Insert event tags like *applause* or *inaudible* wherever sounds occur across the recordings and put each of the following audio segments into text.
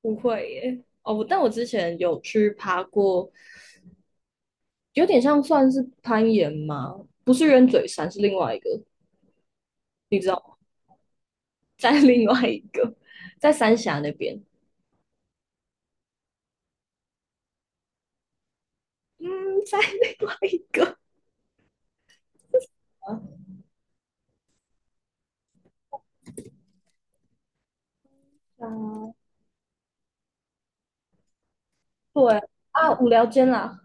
不会耶。哦，但我之前有去爬过，有点像算是攀岩吗？不是鸢嘴山，是另外一个，你知道吗？在另外一个，在三峡那边，嗯，在另外一个啊，*laughs* 对啊，无聊间啦，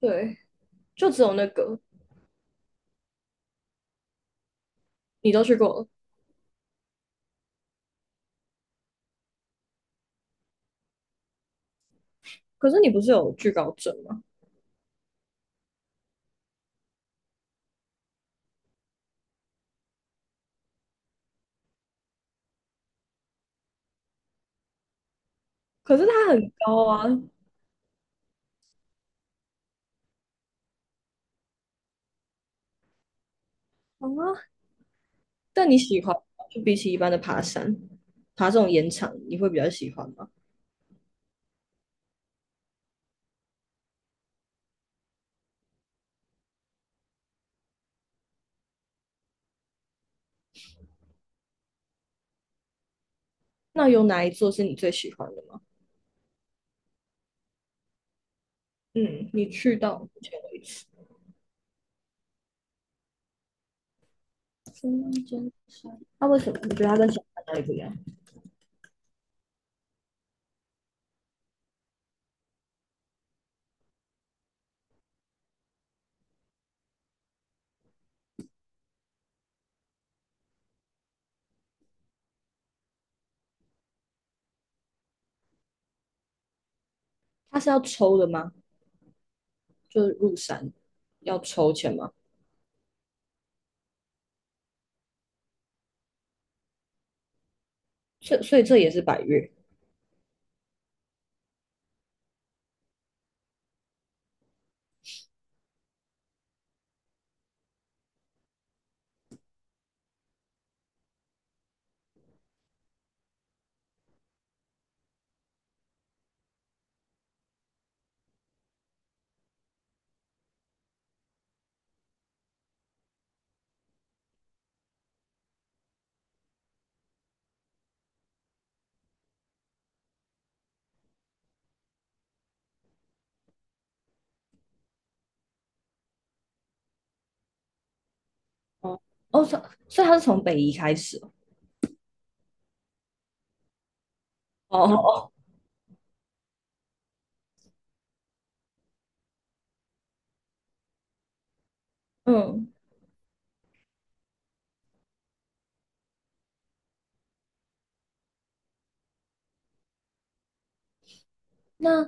对，就只有那个你都去过了，可是你不是有惧高症吗？可是它很高啊，啊，但你喜欢吗就比起一般的爬山，爬这种岩场，你会比较喜欢吗？那有哪一座是你最喜欢的吗？嗯，你去到目前为止，中间山，那、啊为什么你觉得它跟小山哪里不一样？它是要抽的吗？就是入山要抽签吗？所以这也是百越哦哦，所以它是从北移开始哦哦哦，嗯，那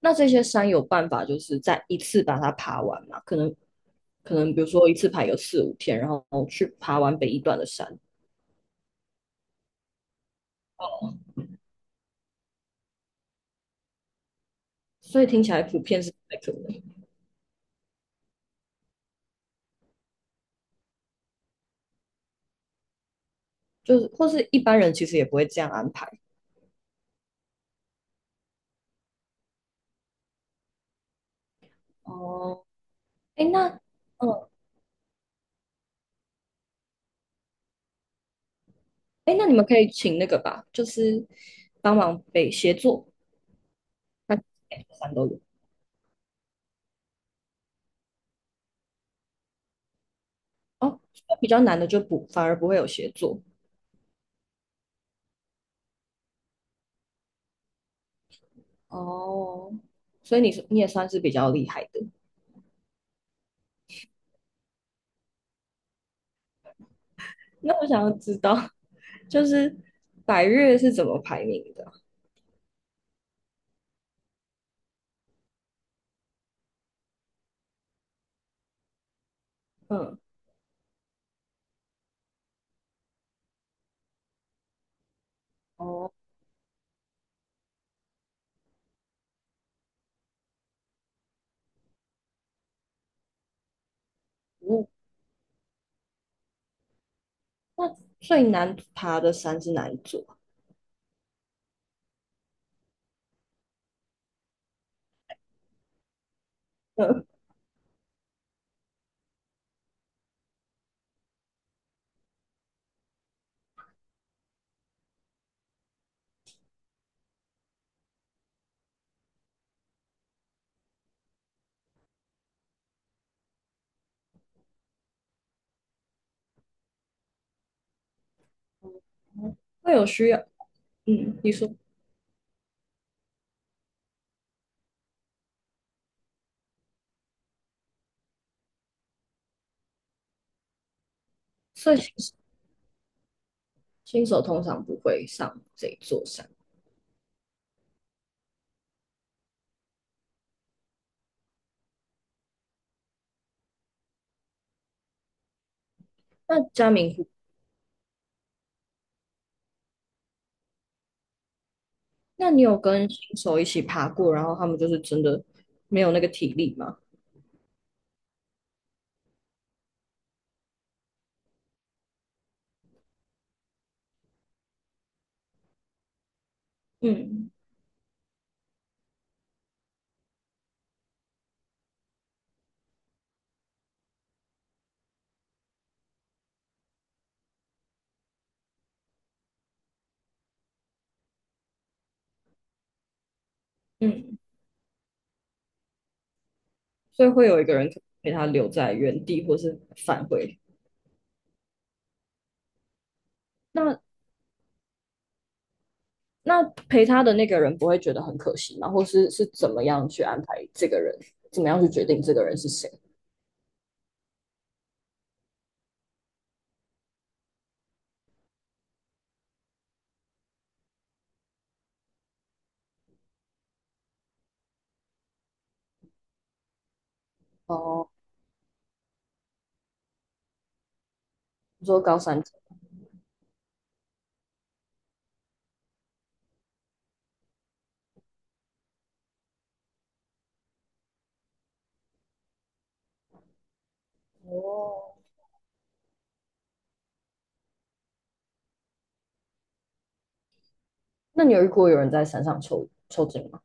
那这些山有办法就是在一次把它爬完吗？可能比如说一次爬有4、5天，然后去爬完北一段的山，所以听起来普遍是不太可能，就是或是一般人其实也不会这样安排哦。哎，那，嗯，哎，那你们可以请那个吧，就是帮忙背协作，那每个山都有哦。所以比较难的就不反而不会有协作哦，所以你是你也算是比较厉害的。那我想要知道，*laughs* 就是百越是怎么排名的？嗯，哦，嗯那最难爬的山是哪一座啊？嗯，会有需要，嗯，你说，所以新手通常不会上这一座山。那嘉明那你有跟新手一起爬过，然后他们就是真的没有那个体力吗？嗯嗯，所以会有一个人陪他留在原地，或是返回。那那陪他的那个人不会觉得很可惜吗？或是是怎么样去安排这个人？怎么样去决定这个人是谁？哦，你说高山症哦，那你有遇过有人在山上抽筋吗？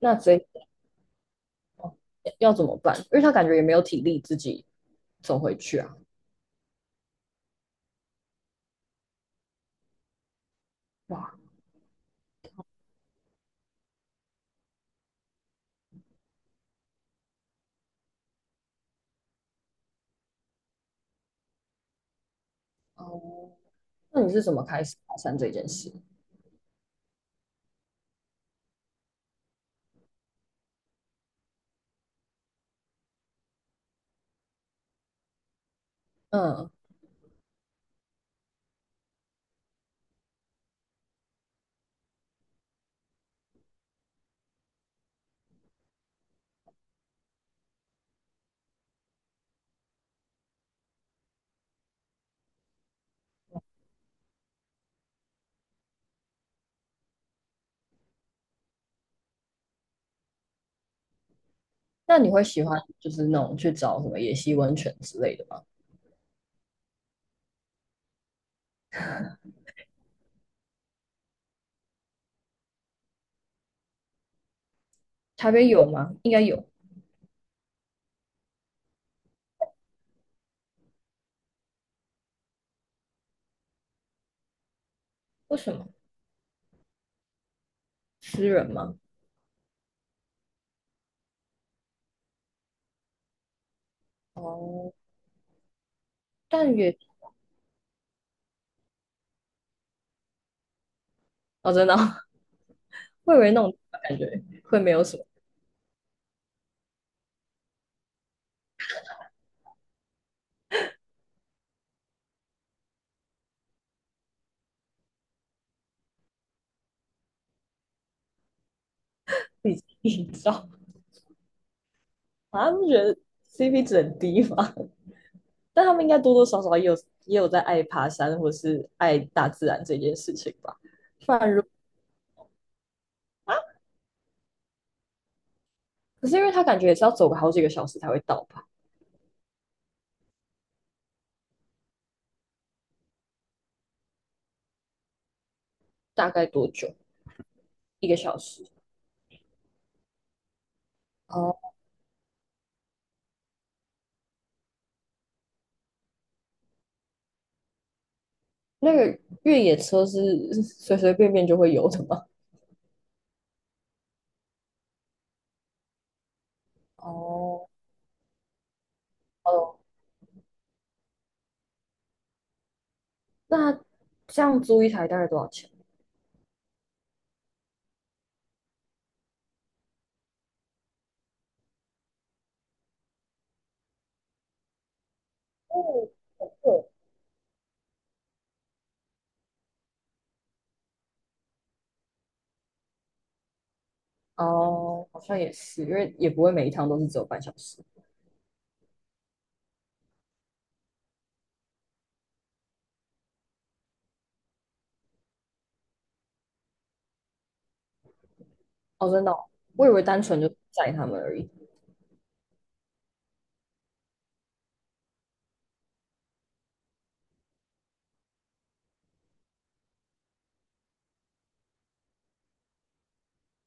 那这要怎么办？因为他感觉也没有体力自己走回去啊。哇，哦，那你是怎么开始爬山这件事？嗯，那你会喜欢就是那种去找什么野溪温泉之类的吗？台北有吗？应该有，为什么？私人吗？哦，但也哦，真的哦，*laughs* 我以为那种感觉会没有什么自己营造，*laughs* 啊，不觉得 CP 值很低吗？*laughs* 但他们应该多多少少也有也有在爱爬山或是爱大自然这件事情吧。不然如可是因为他感觉也是要走个好几个小时才会到吧？大概多久？1个小时？哦。那个越野车是 *laughs* 随随便便就会有的吗？哦，哦，那这样租一台大概多少钱？哦，很贵。哦，好像也是，因为也不会每一趟都是只有半小时。哦，真的哦我以为单纯就载他们而已。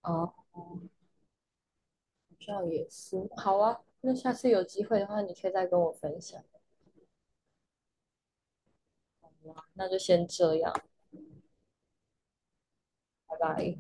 哦，好像也是。好啊，那下次有机会的话，你可以再跟我分享。那就先这样，拜拜。